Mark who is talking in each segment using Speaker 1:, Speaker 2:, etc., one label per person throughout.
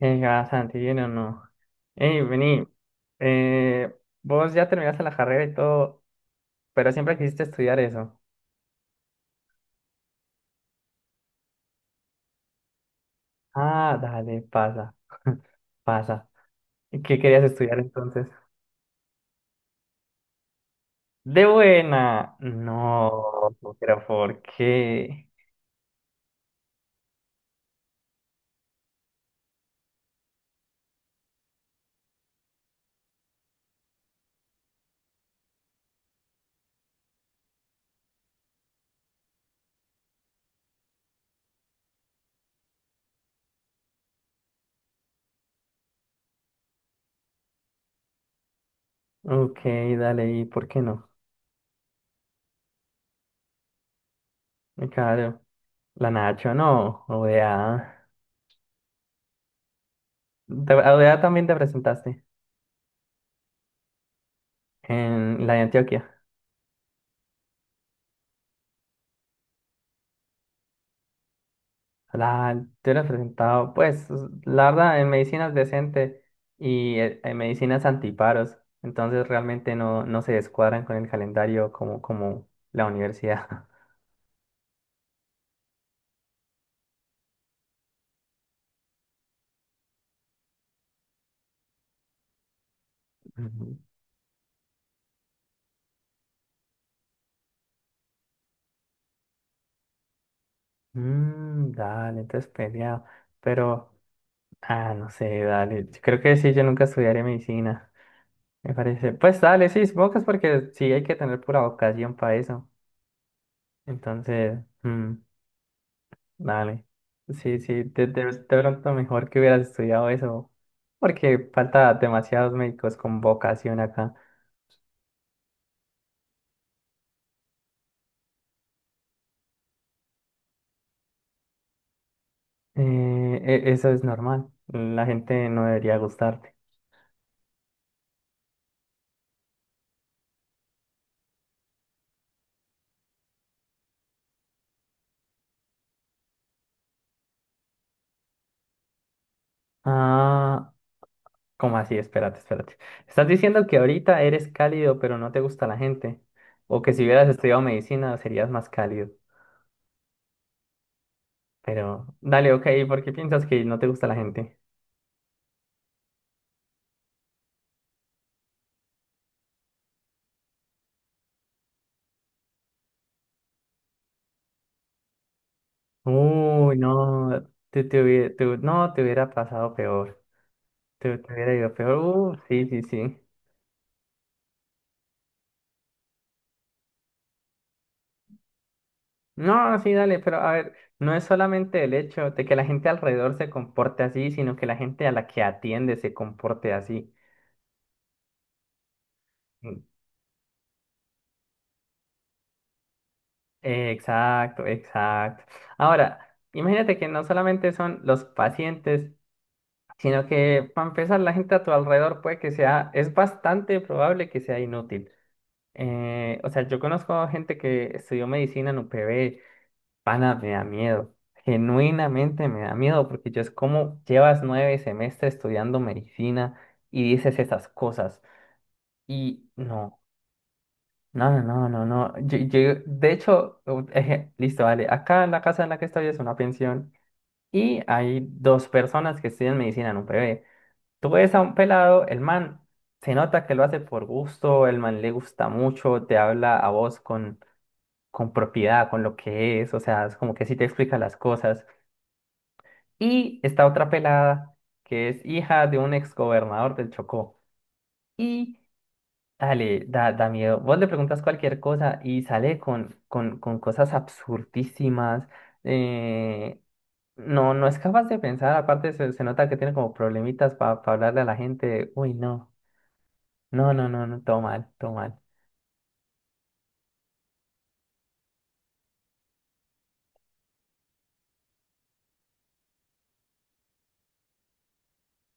Speaker 1: Bastante bien o no. Ey, vení, eh, vos ya terminaste la carrera y todo, pero siempre quisiste estudiar eso. Ah, dale, pasa. ¿Y qué querías estudiar entonces? De buena. No, pero ¿por qué? Ok, dale, ¿y por qué no? Claro, la Nacho no, ODA. A ODA también te presentaste en la de Antioquia. La, yo la he presentado, pues, la verdad, en medicina es decente y en medicinas antiparos, entonces realmente no se descuadran con el calendario como, como la universidad. Ujú. Mm, dale, entonces peleado, pero, ah, no sé, dale, yo creo que sí, yo nunca estudiaré medicina, me parece. Pues dale, sí, supongo que es porque sí hay que tener pura vocación para eso, entonces, Dale. Sí, sí, de pronto mejor que hubieras estudiado eso, porque falta demasiados médicos con vocación acá. Eso es normal, la gente no debería gustarte. Ah, ¿cómo así? Espérate, espérate. ¿Estás diciendo que ahorita eres cálido, pero no te gusta la gente? O que si hubieras estudiado medicina serías más cálido. Pero, dale, ok, ¿por qué piensas que no te gusta la gente? Uy, no, te hubie- te hu- no, te hubiera pasado peor. Te hubiera ido peor. Sí, sí, sí. No, sí, dale, pero a ver, no es solamente el hecho de que la gente alrededor se comporte así, sino que la gente a la que atiende se comporte así. Mm. Exacto, exacto. Ahora, imagínate que no solamente son los pacientes, sino que para empezar, la gente a tu alrededor puede que sea, es bastante probable que sea inútil. O sea, yo conozco gente que estudió medicina en UPB. Pana, me da miedo. Genuinamente me da miedo porque yo es como llevas 9 semestres estudiando medicina y dices esas cosas. Y no, no, no, no, no. Yo, de hecho, listo, vale. Acá en la casa en la que estoy es una pensión y hay dos personas que estudian medicina en un PB. Tú ves a un pelado, el man se nota que lo hace por gusto, el man le gusta mucho, te habla a vos con propiedad, con lo que es, o sea, es como que sí te explica las cosas. Y esta otra pelada, que es hija de un exgobernador del Chocó. Y dale, da miedo. Vos le preguntas cualquier cosa y sale con cosas absurdísimas. eh, no, no es capaz de pensar. Aparte, se nota que tiene como problemitas para hablarle a la gente. Uy, no. No, no, no, no, todo mal, todo mal.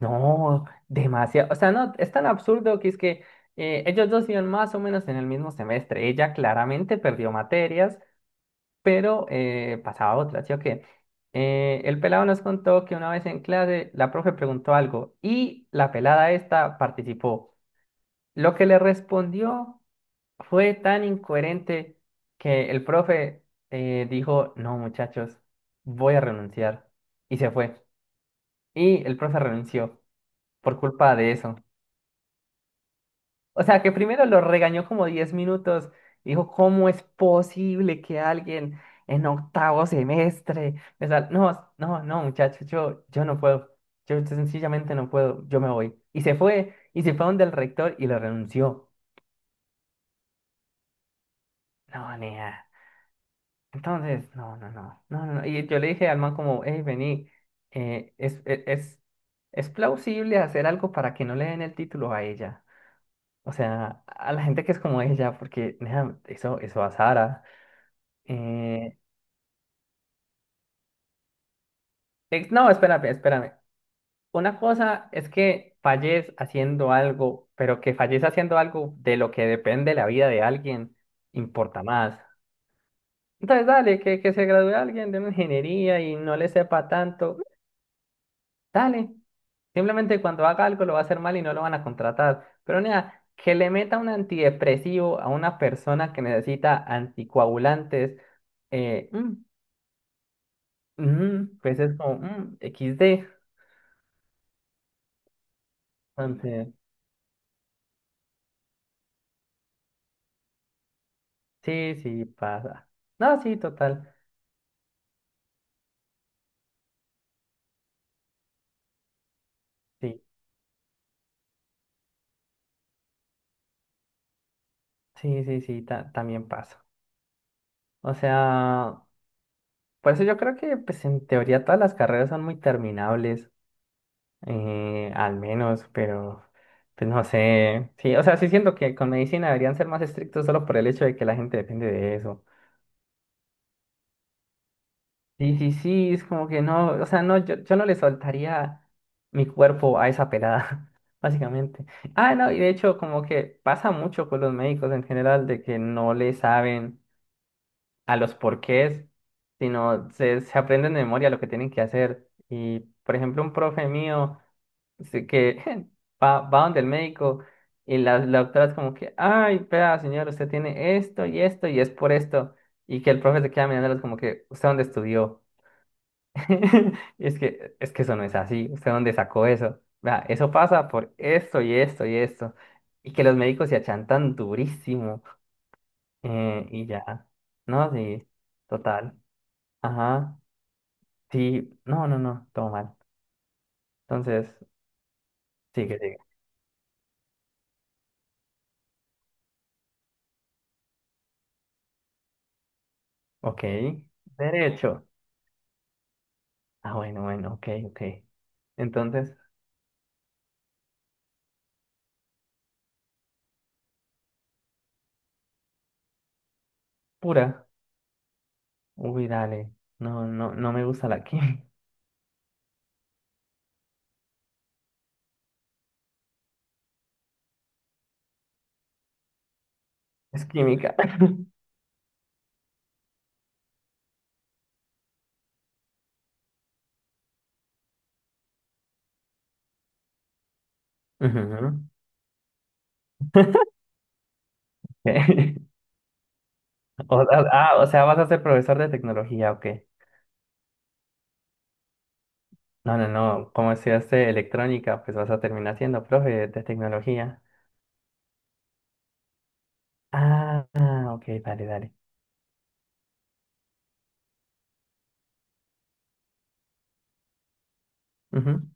Speaker 1: No, demasiado. O sea, no, es tan absurdo que es que ellos dos iban más o menos en el mismo semestre. Ella claramente perdió materias. Pero pasaba otra, ¿sí o qué? El pelado nos contó que una vez en clase la profe preguntó algo y la pelada esta participó. Lo que le respondió fue tan incoherente que el profe dijo, no muchachos, voy a renunciar. Y se fue. Y el profe renunció por culpa de eso. O sea, que primero lo regañó como 10 minutos. Dijo, ¿cómo es posible que alguien en octavo semestre? No, no, no, muchacho, yo no puedo. Yo sencillamente no puedo. Yo me voy. Y se fue. Y se fue donde el rector y lo renunció. No, nea. Entonces, no, no, no, no, no. Y yo le dije al man como, hey, vení, eh, es, es, es es plausible hacer algo para que no le den el título a ella. O sea, a la gente que es como ella, porque nea, eso a Sara. Eh, no, espérame, espérame. Una cosa es que falles haciendo algo, pero que falles haciendo algo de lo que depende la vida de alguien, importa más. Entonces, dale, que se gradúe alguien de una ingeniería y no le sepa tanto, dale. Simplemente cuando haga algo lo va a hacer mal y no lo van a contratar. Pero nada, que le meta un antidepresivo a una persona que necesita anticoagulantes, eh, mm, pues es como XD. Entonces, sí, sí, pasa. No, sí, total. Sí, sí, sí, también pasa. O sea, por eso yo creo que, pues, en teoría todas las carreras son muy terminables, al menos, pero, pues, no sé. Sí, o sea, sí siento que con medicina deberían ser más estrictos solo por el hecho de que la gente depende de eso. Sí, sí, sí, es como que no, o sea, no, yo no le soltaría mi cuerpo a esa pelada, básicamente. Ah, no, y de hecho, como que pasa mucho con los médicos en general de que no le saben a los porqués, sino se aprenden de memoria lo que tienen que hacer. Y, por ejemplo, un profe mío que va donde el médico y la doctora es como que, ay, vea, señor, usted tiene esto y esto y es por esto. Y que el profe se queda mirándolos como que, ¿usted dónde estudió? Y es que, es que eso no es así. ¿Usted dónde sacó eso? Vea, eso pasa por esto y esto y esto. Y que los médicos se achantan durísimo. Y ya. No, sí, total. Ajá. Sí, no, no, no, todo mal. Entonces, sigue, sigue. Ok. Derecho. Ah, bueno, bueno, ok, ok. Entonces, pura. Uy, dale. No, no, no me gusta la química. Es química. Ujú. Ok. O sea, ¿vas a ser profesor de tecnología, o qué? No, no, no, como estudiaste electrónica, pues vas a terminar siendo profe de tecnología. Ah, ah, ok, dale, dale. Ujú,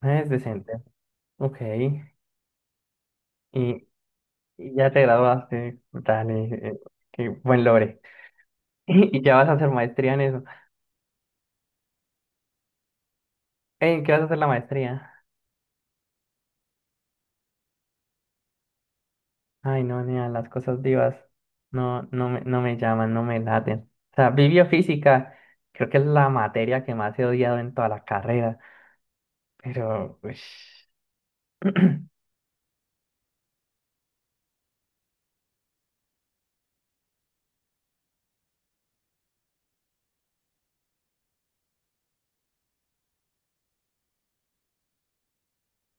Speaker 1: es decente, ok. Y, y ya te graduaste, dale, eh, qué buen logre. Y, ya vas a hacer maestría en eso. Ey, ¿en ¿qué vas a hacer la maestría? Ay, no, nea, las cosas divas no, no me llaman, no me laten. O sea, bibliofísica, creo que es la materia que más he odiado en toda la carrera. Pero, pues...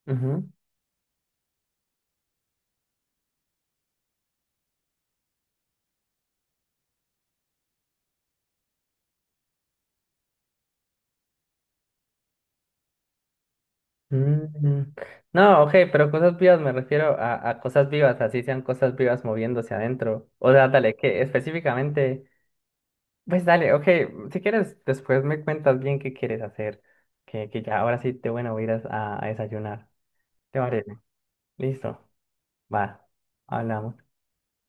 Speaker 1: ujú, mm, No, ok, pero cosas vivas me refiero a cosas vivas, así sean cosas vivas moviéndose adentro. O sea, dale, que específicamente, pues dale, ok, si quieres, después me cuentas bien qué quieres hacer, que ya ahora sí te bueno, voy a ir a desayunar. ¿Te parece? Listo, va, hablamos.